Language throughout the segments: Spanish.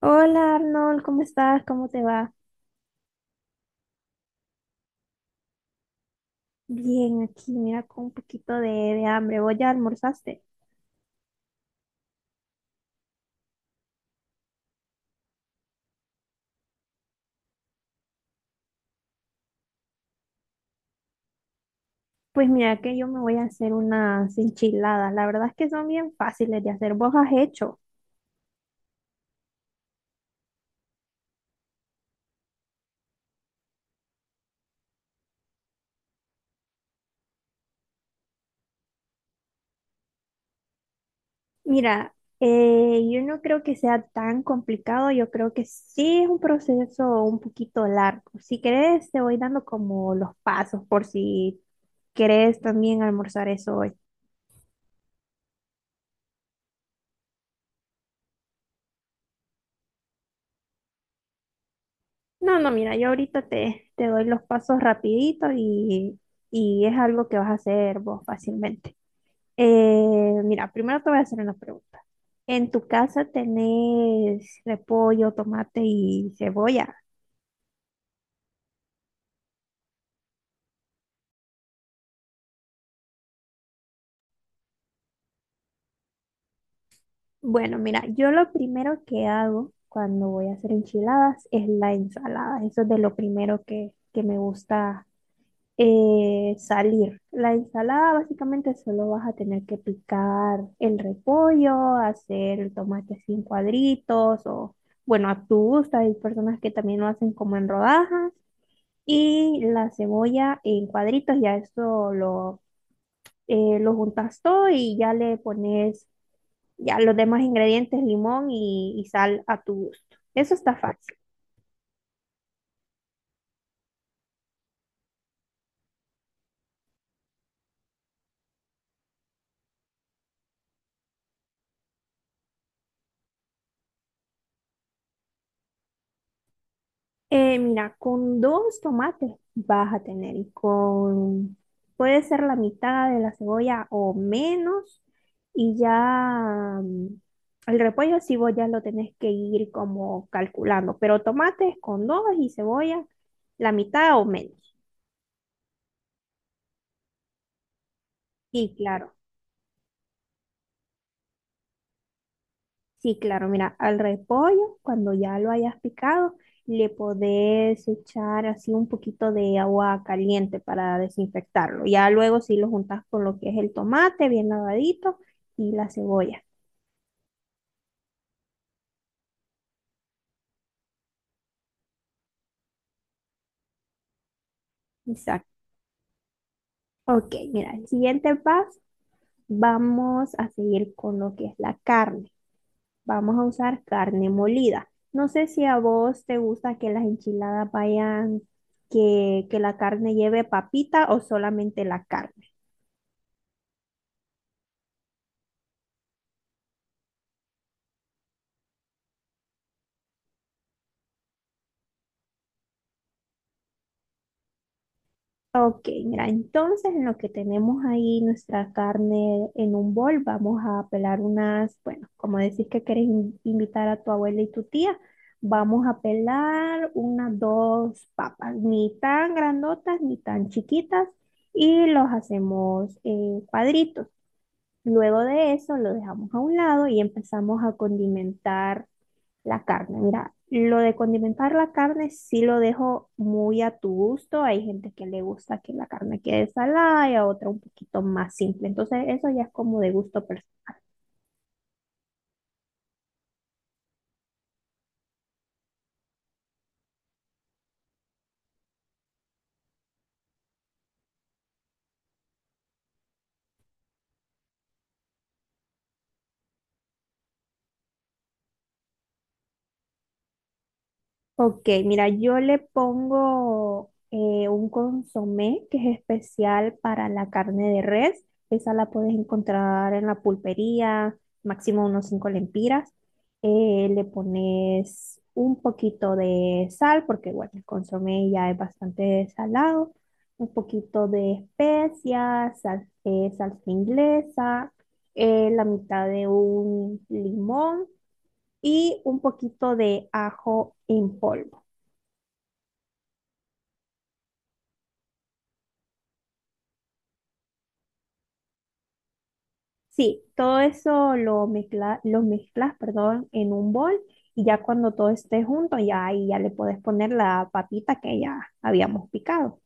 Hola Arnold, ¿cómo estás? ¿Cómo te va? Bien, aquí, mira, con un poquito de hambre. ¿Vos ya almorzaste? Pues mira que yo me voy a hacer unas enchiladas. La verdad es que son bien fáciles de hacer. ¿Vos has hecho? Mira, yo no creo que sea tan complicado. Yo creo que sí es un proceso un poquito largo. Si querés, te voy dando como los pasos por si querés también almorzar eso hoy. No, no, mira, yo ahorita te doy los pasos rapidito y es algo que vas a hacer vos fácilmente. Mira, primero te voy a hacer una pregunta. ¿En tu casa tenés repollo, tomate y cebolla? Bueno, mira, yo lo primero que hago cuando voy a hacer enchiladas es la ensalada. Eso es de lo primero que me gusta salir. La ensalada básicamente solo vas a tener que picar el repollo, hacer el tomate así en cuadritos o, bueno, a tu gusto. Hay personas que también lo hacen como en rodajas y la cebolla en cuadritos. Ya eso lo juntas todo y ya le pones ya los demás ingredientes, limón y sal a tu gusto. Eso está fácil. Mira, con dos tomates vas a tener y con, puede ser la mitad de la cebolla o menos y ya el repollo sí vos ya lo tenés que ir como calculando, pero tomates con dos y cebolla la mitad o menos. Y claro. Sí, claro, mira, al repollo, cuando ya lo hayas picado, le podés echar así un poquito de agua caliente para desinfectarlo. Ya luego sí lo juntas con lo que es el tomate bien lavadito y la cebolla. Exacto. Ok, mira, el siguiente paso, vamos a seguir con lo que es la carne. Vamos a usar carne molida. No sé si a vos te gusta que las enchiladas vayan, que la carne lleve papita o solamente la carne. Ok, mira, entonces en lo que tenemos ahí nuestra carne en un bol, vamos a pelar unas, bueno, como decís que querés invitar a tu abuela y tu tía, vamos a pelar unas dos papas, ni tan grandotas ni tan chiquitas, y los hacemos cuadritos. Luego de eso lo dejamos a un lado y empezamos a condimentar la carne, mira, lo de condimentar la carne sí lo dejo muy a tu gusto. Hay gente que le gusta que la carne quede salada y a otra un poquito más simple. Entonces, eso ya es como de gusto personal. Ok, mira, yo le pongo un consomé que es especial para la carne de res. Esa la puedes encontrar en la pulpería, máximo unos 5 lempiras. Le pones un poquito de sal, porque bueno, el consomé ya es bastante salado. Un poquito de especias, salsa inglesa, la mitad de un limón y un poquito de ajo en polvo. Sí, todo eso lo mezcla, lo mezclas, perdón, en un bol y ya cuando todo esté junto, ya ahí ya le puedes poner la papita que ya habíamos picado.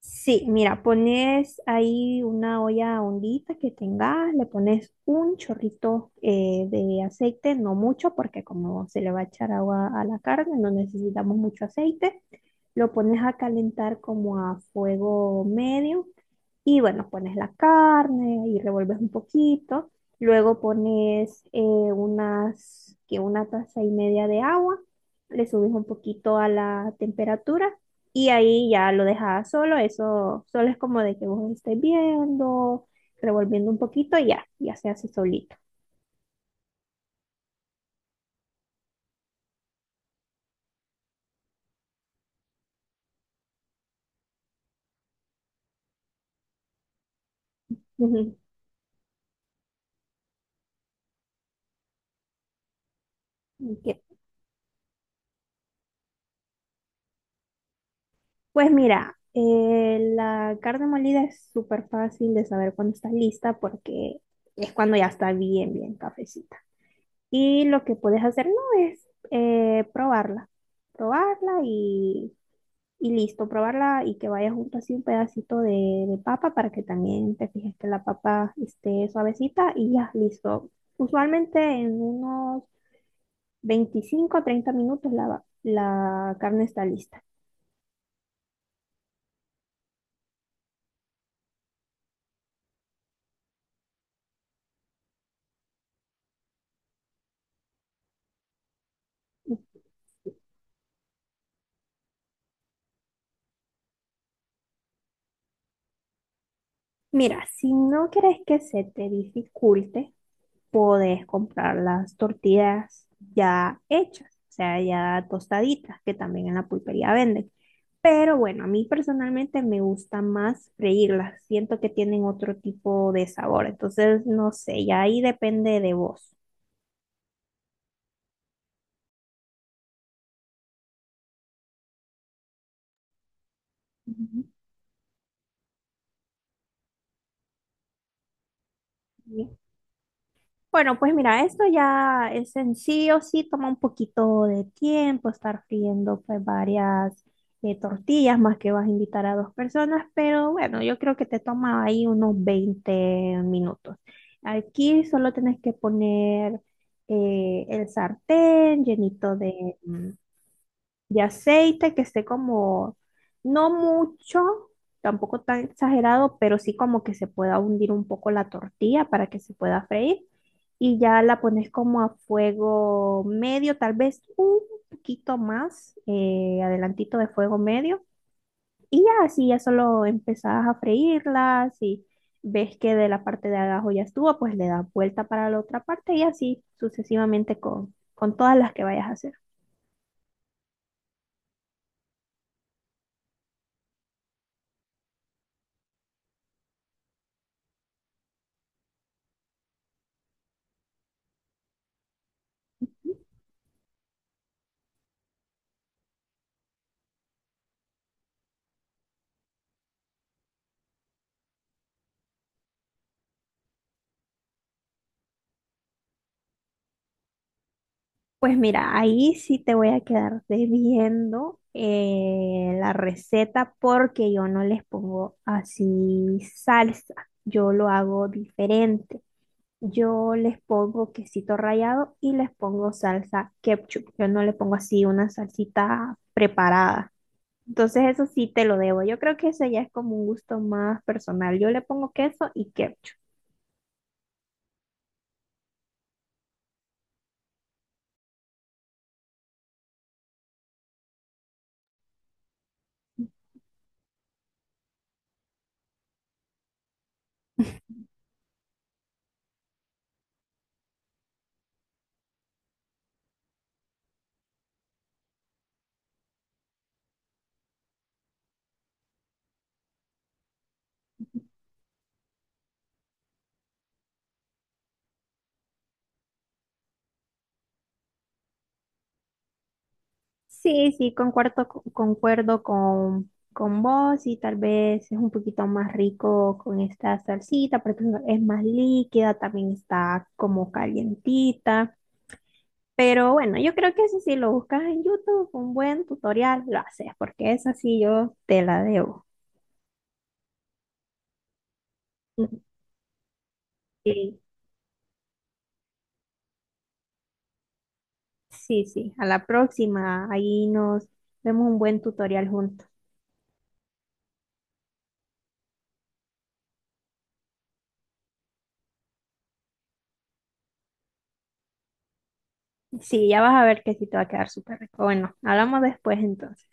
Sí, mira, pones ahí una olla hondita que tengas, le pones un chorrito de aceite, no mucho, porque como se le va a echar agua a la carne, no necesitamos mucho aceite. Lo pones a calentar como a fuego medio. Y bueno, pones la carne y revuelves un poquito. Luego pones unas, que una taza y media de agua. Le subes un poquito a la temperatura y ahí ya lo dejas solo. Eso solo es como de que vos estés viendo, revolviendo un poquito y ya, ya se hace solito. Ujú. Ok. Pues mira, la carne molida es súper fácil de saber cuando está lista porque es cuando ya está bien, bien cafecita. Y lo que puedes hacer no es probarla, probarla y listo, probarla y que vaya junto así un pedacito de papa para que también te fijes que la papa esté suavecita y ya, listo. Usualmente en unos 25 o 30 minutos la carne está lista. Mira, si no quieres que se te dificulte, podés comprar las tortillas ya hechas, o sea, ya tostaditas, que también en la pulpería venden. Pero bueno, a mí personalmente me gusta más freírlas. Siento que tienen otro tipo de sabor. Entonces, no sé, ya ahí depende de vos. Ujú. ¿Sí? Bueno, pues mira, esto ya es en sí o sí toma un poquito de tiempo estar friendo pues varias tortillas, más que vas a invitar a dos personas, pero bueno, yo creo que te toma ahí unos 20 minutos. Aquí solo tienes que poner el sartén llenito de aceite que esté como, no mucho, tampoco tan exagerado, pero sí como que se pueda hundir un poco la tortilla para que se pueda freír. Y ya la pones como a fuego medio, tal vez un poquito más, adelantito de fuego medio. Y ya así, ya solo empezás a freírlas y ves que de la parte de abajo ya estuvo, pues le das vuelta para la otra parte y así sucesivamente con todas las que vayas a hacer. Pues mira, ahí sí te voy a quedar debiendo la receta porque yo no les pongo así salsa, yo lo hago diferente. Yo les pongo quesito rallado y les pongo salsa ketchup. Yo no le pongo así una salsita preparada. Entonces eso sí te lo debo. Yo creo que eso ya es como un gusto más personal. Yo le pongo queso y ketchup. Sí, sí, concuerdo, concuerdo con vos y tal vez es un poquito más rico con esta salsita porque es más líquida, también está como calientita. Pero bueno, yo creo que eso sí lo buscas en YouTube, un buen tutorial lo haces porque esa sí yo te la debo. Ujú. Sí, sí, sí, a la próxima, ahí nos vemos un buen tutorial juntos. Sí, ya vas a ver que sí te va a quedar súper rico. Bueno, hablamos después entonces.